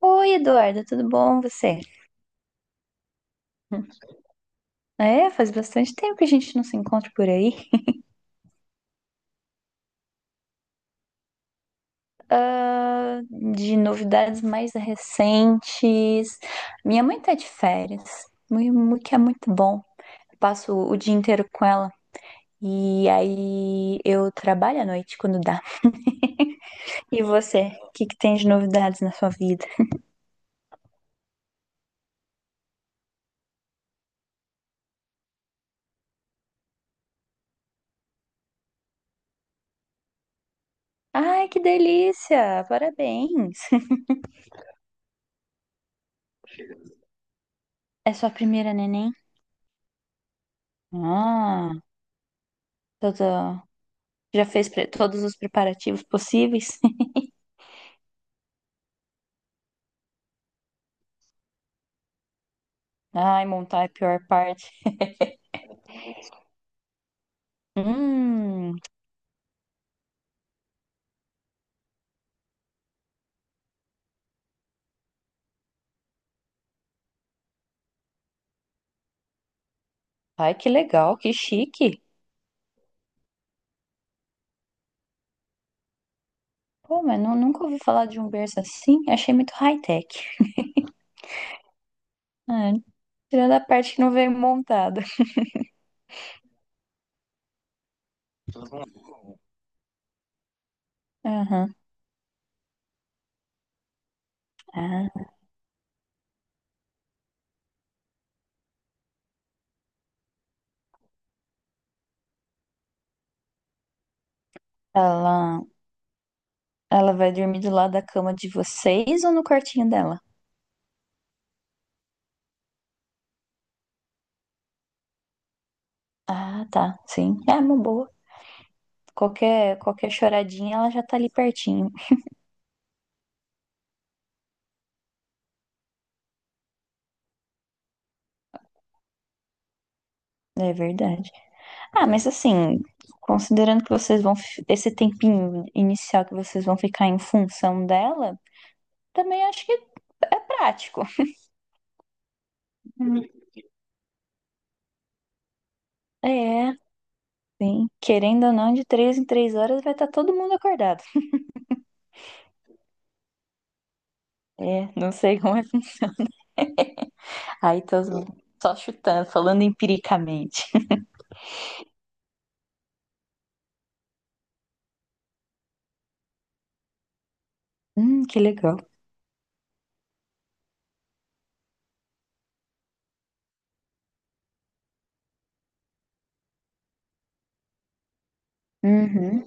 Oi, Eduarda, tudo bom? Você? É, faz bastante tempo que a gente não se encontra por aí. Ah, de novidades mais recentes. Minha mãe tá de férias, que é muito bom. Passo o dia inteiro com ela e aí eu trabalho à noite quando dá. E você? O que que tem de novidades na sua vida? Ai, que delícia! Parabéns! É sua primeira neném? Ah, tudo. Já fez todos os preparativos possíveis? Ai, montar é a pior parte. Hum, ai, que legal, que chique. Pô, mas nunca ouvi falar de um berço assim. Achei muito high-tech. Ah, tirando a parte que não veio montada. Aham. Ah, ela, ela vai dormir do lado da cama de vocês ou no quartinho dela? Ah, tá. Sim. É uma boa. Qualquer choradinha, ela já tá ali pertinho. É verdade. Ah, mas assim, considerando que vocês vão, esse tempinho inicial que vocês vão ficar em função dela, também acho que é prático. Hum. É, sim. Querendo ou não, de três em três horas vai estar todo mundo acordado. É, não sei como é. Aí tô só chutando, falando empiricamente. Que legal. Uhum.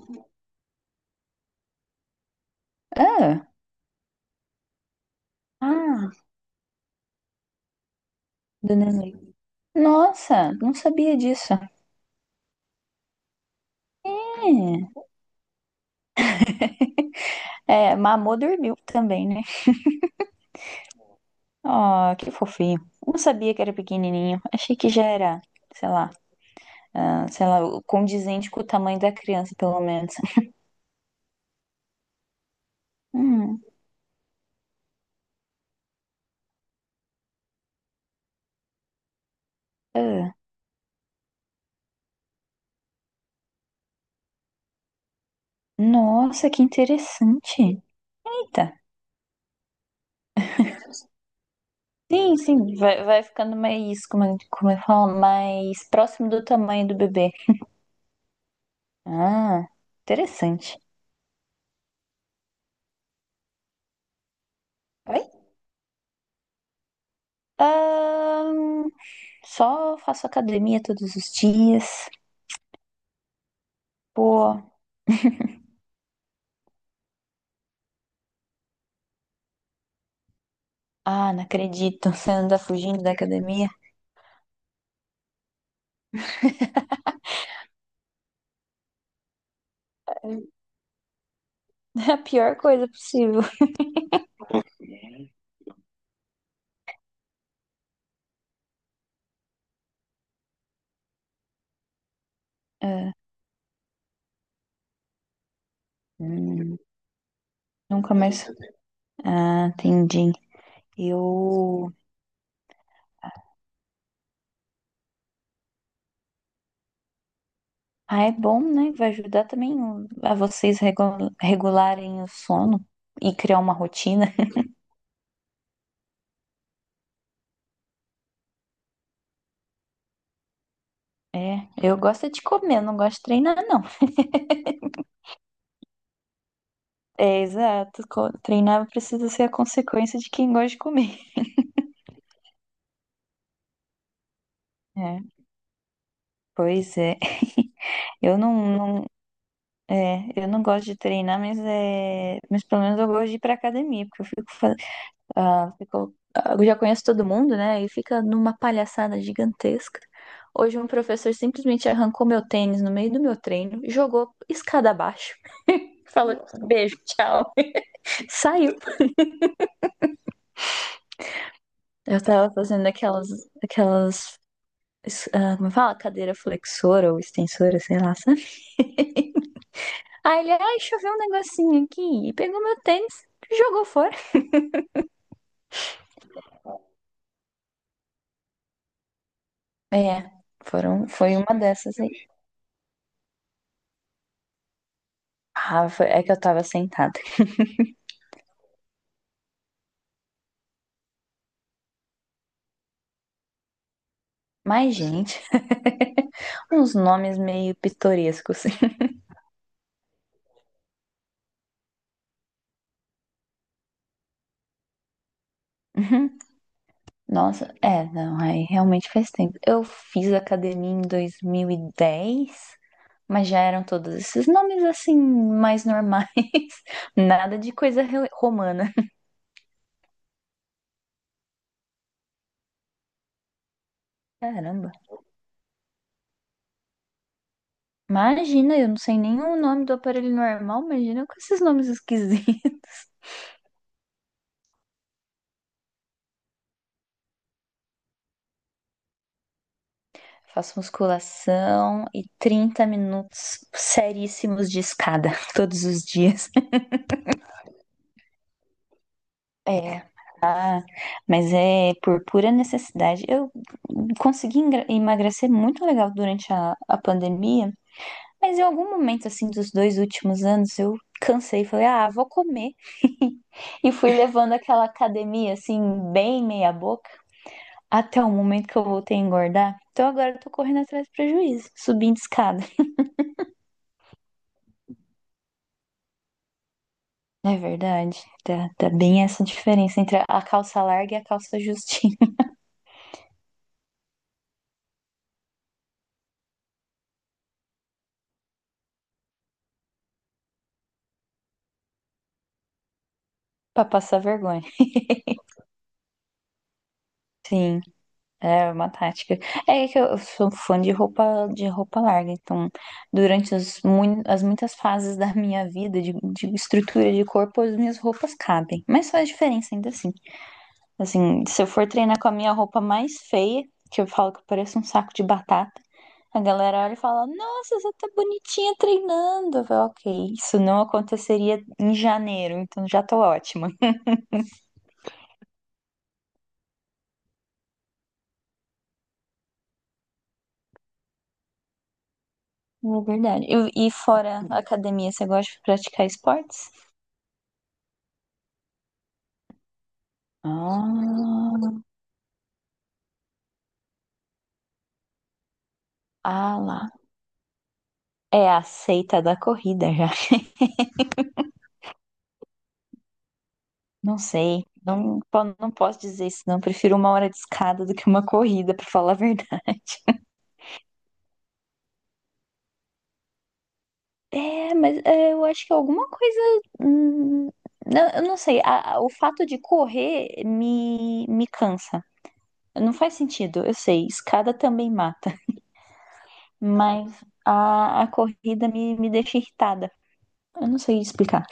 Ah, ah, do neném. Nossa, não sabia disso. É, é, mamou dormiu também, né? Oh, que fofinho. Não sabia que era pequenininho. Achei que já era, sei lá, ah, sei lá, condizente com o tamanho da criança, pelo menos. Hum, ah. Nossa, que interessante. Eita. Sim, sim, vai ficando mais, como, como eu falo, mais próximo do tamanho do bebê. Ah, interessante. Oi? Ahn, só faço academia todos os dias. Pô, ah, não acredito, você anda fugindo da academia. É a pior coisa possível. Ah, hum, nunca mais. Ah, entendi. Eu. Ah, é bom, né? Vai ajudar também a vocês regularem o sono e criar uma rotina. É, eu gosto de comer, não gosto de treinar, não. É, exato. Treinar precisa ser a consequência de quem gosta de comer. É, pois é. Eu não, é, eu não gosto de treinar, mas é, mas pelo menos eu gosto de ir pra academia, porque eu fico fazendo. Ah, ah, eu já conheço todo mundo, né? E fica numa palhaçada gigantesca. Hoje um professor simplesmente arrancou meu tênis no meio do meu treino, jogou escada abaixo, falou beijo, tchau, saiu. Eu tava fazendo aquelas, ah, como fala? Cadeira flexora ou extensora, sei lá, sabe? Aí ele, ai, choveu um negocinho aqui e pegou meu tênis, jogou fora. É, foi uma dessas aí. Ah, é que eu tava sentada. Mas, gente. Uns nomes meio pitorescos. Nossa, é, não, aí realmente faz tempo. Eu fiz academia em 2010, mas já eram todos esses nomes assim, mais normais. Nada de coisa romana. Caramba. Imagina, eu não sei nem o nome do aparelho normal, imagina com esses nomes esquisitos. Faço musculação e 30 minutos seríssimos de escada todos os dias. É, ah, mas é por pura necessidade. Eu consegui emagrecer muito legal durante a pandemia, mas em algum momento, assim, dos dois últimos anos, eu cansei e falei, ah, vou comer. E fui levando aquela academia, assim, bem meia boca, até o momento que eu voltei a engordar. Então agora eu tô correndo atrás do prejuízo, subindo escada. É verdade, tá bem essa diferença entre a calça larga e a calça justinha, pra passar vergonha. Sim. É uma tática. É que eu sou fã de roupa larga, então durante os as muitas fases da minha vida de, estrutura de corpo, as minhas roupas cabem. Mas faz diferença ainda assim. Assim, se eu for treinar com a minha roupa mais feia, que eu falo que eu pareço um saco de batata, a galera olha e fala: "Nossa, você tá bonitinha treinando". Eu falo, OK, isso não aconteceria em janeiro, então já tô ótima. É verdade. E fora a academia, você gosta de praticar esportes? Ah, ah lá. É a seita da corrida já. Não sei. Não, não posso dizer isso, não. Prefiro uma hora de escada do que uma corrida, pra falar a verdade. É, mas é, eu acho que alguma coisa. Hum, não, eu não sei. O fato de correr me cansa. Não faz sentido, eu sei. Escada também mata. Mas a corrida me deixa irritada. Eu não sei explicar.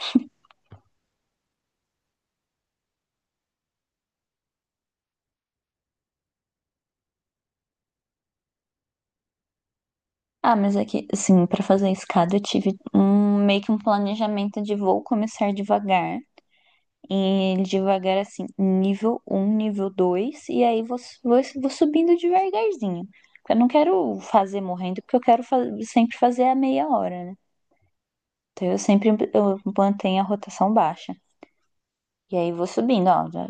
Ah, mas é que, assim, para fazer a escada eu tive um, meio que um planejamento de vou começar devagar. E devagar, assim, nível um, nível dois. E aí vou subindo devagarzinho. Porque eu não quero fazer morrendo, porque eu quero sempre fazer a meia hora, né? Então eu sempre eu mantenho a rotação baixa. E aí vou subindo, ó. Já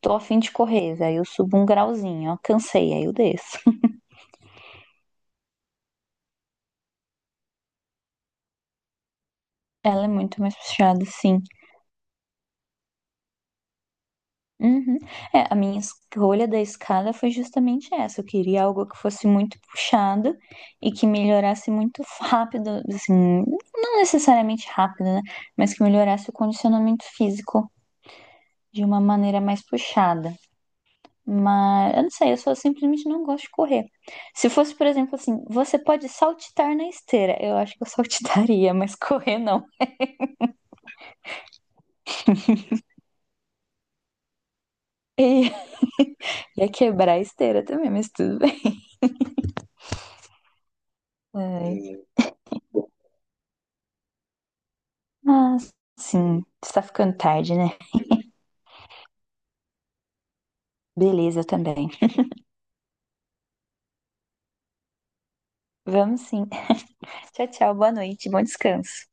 tô a fim de correr, aí eu subo um grauzinho, ó. Cansei, aí eu desço. Ela é muito mais puxada, sim. Uhum. É, a minha escolha da escala foi justamente essa. Eu queria algo que fosse muito puxado e que melhorasse muito rápido, assim, não necessariamente rápido, né? Mas que melhorasse o condicionamento físico de uma maneira mais puxada. Mas eu não sei, eu só simplesmente não gosto de correr. Se fosse, por exemplo, assim, você pode saltitar na esteira. Eu acho que eu saltitaria, mas correr não. E ia quebrar a esteira também, mas tudo bem. Ai. Mas, sim, está ficando tarde, né? Beleza também. Vamos sim. Tchau, tchau. Boa noite. Bom descanso.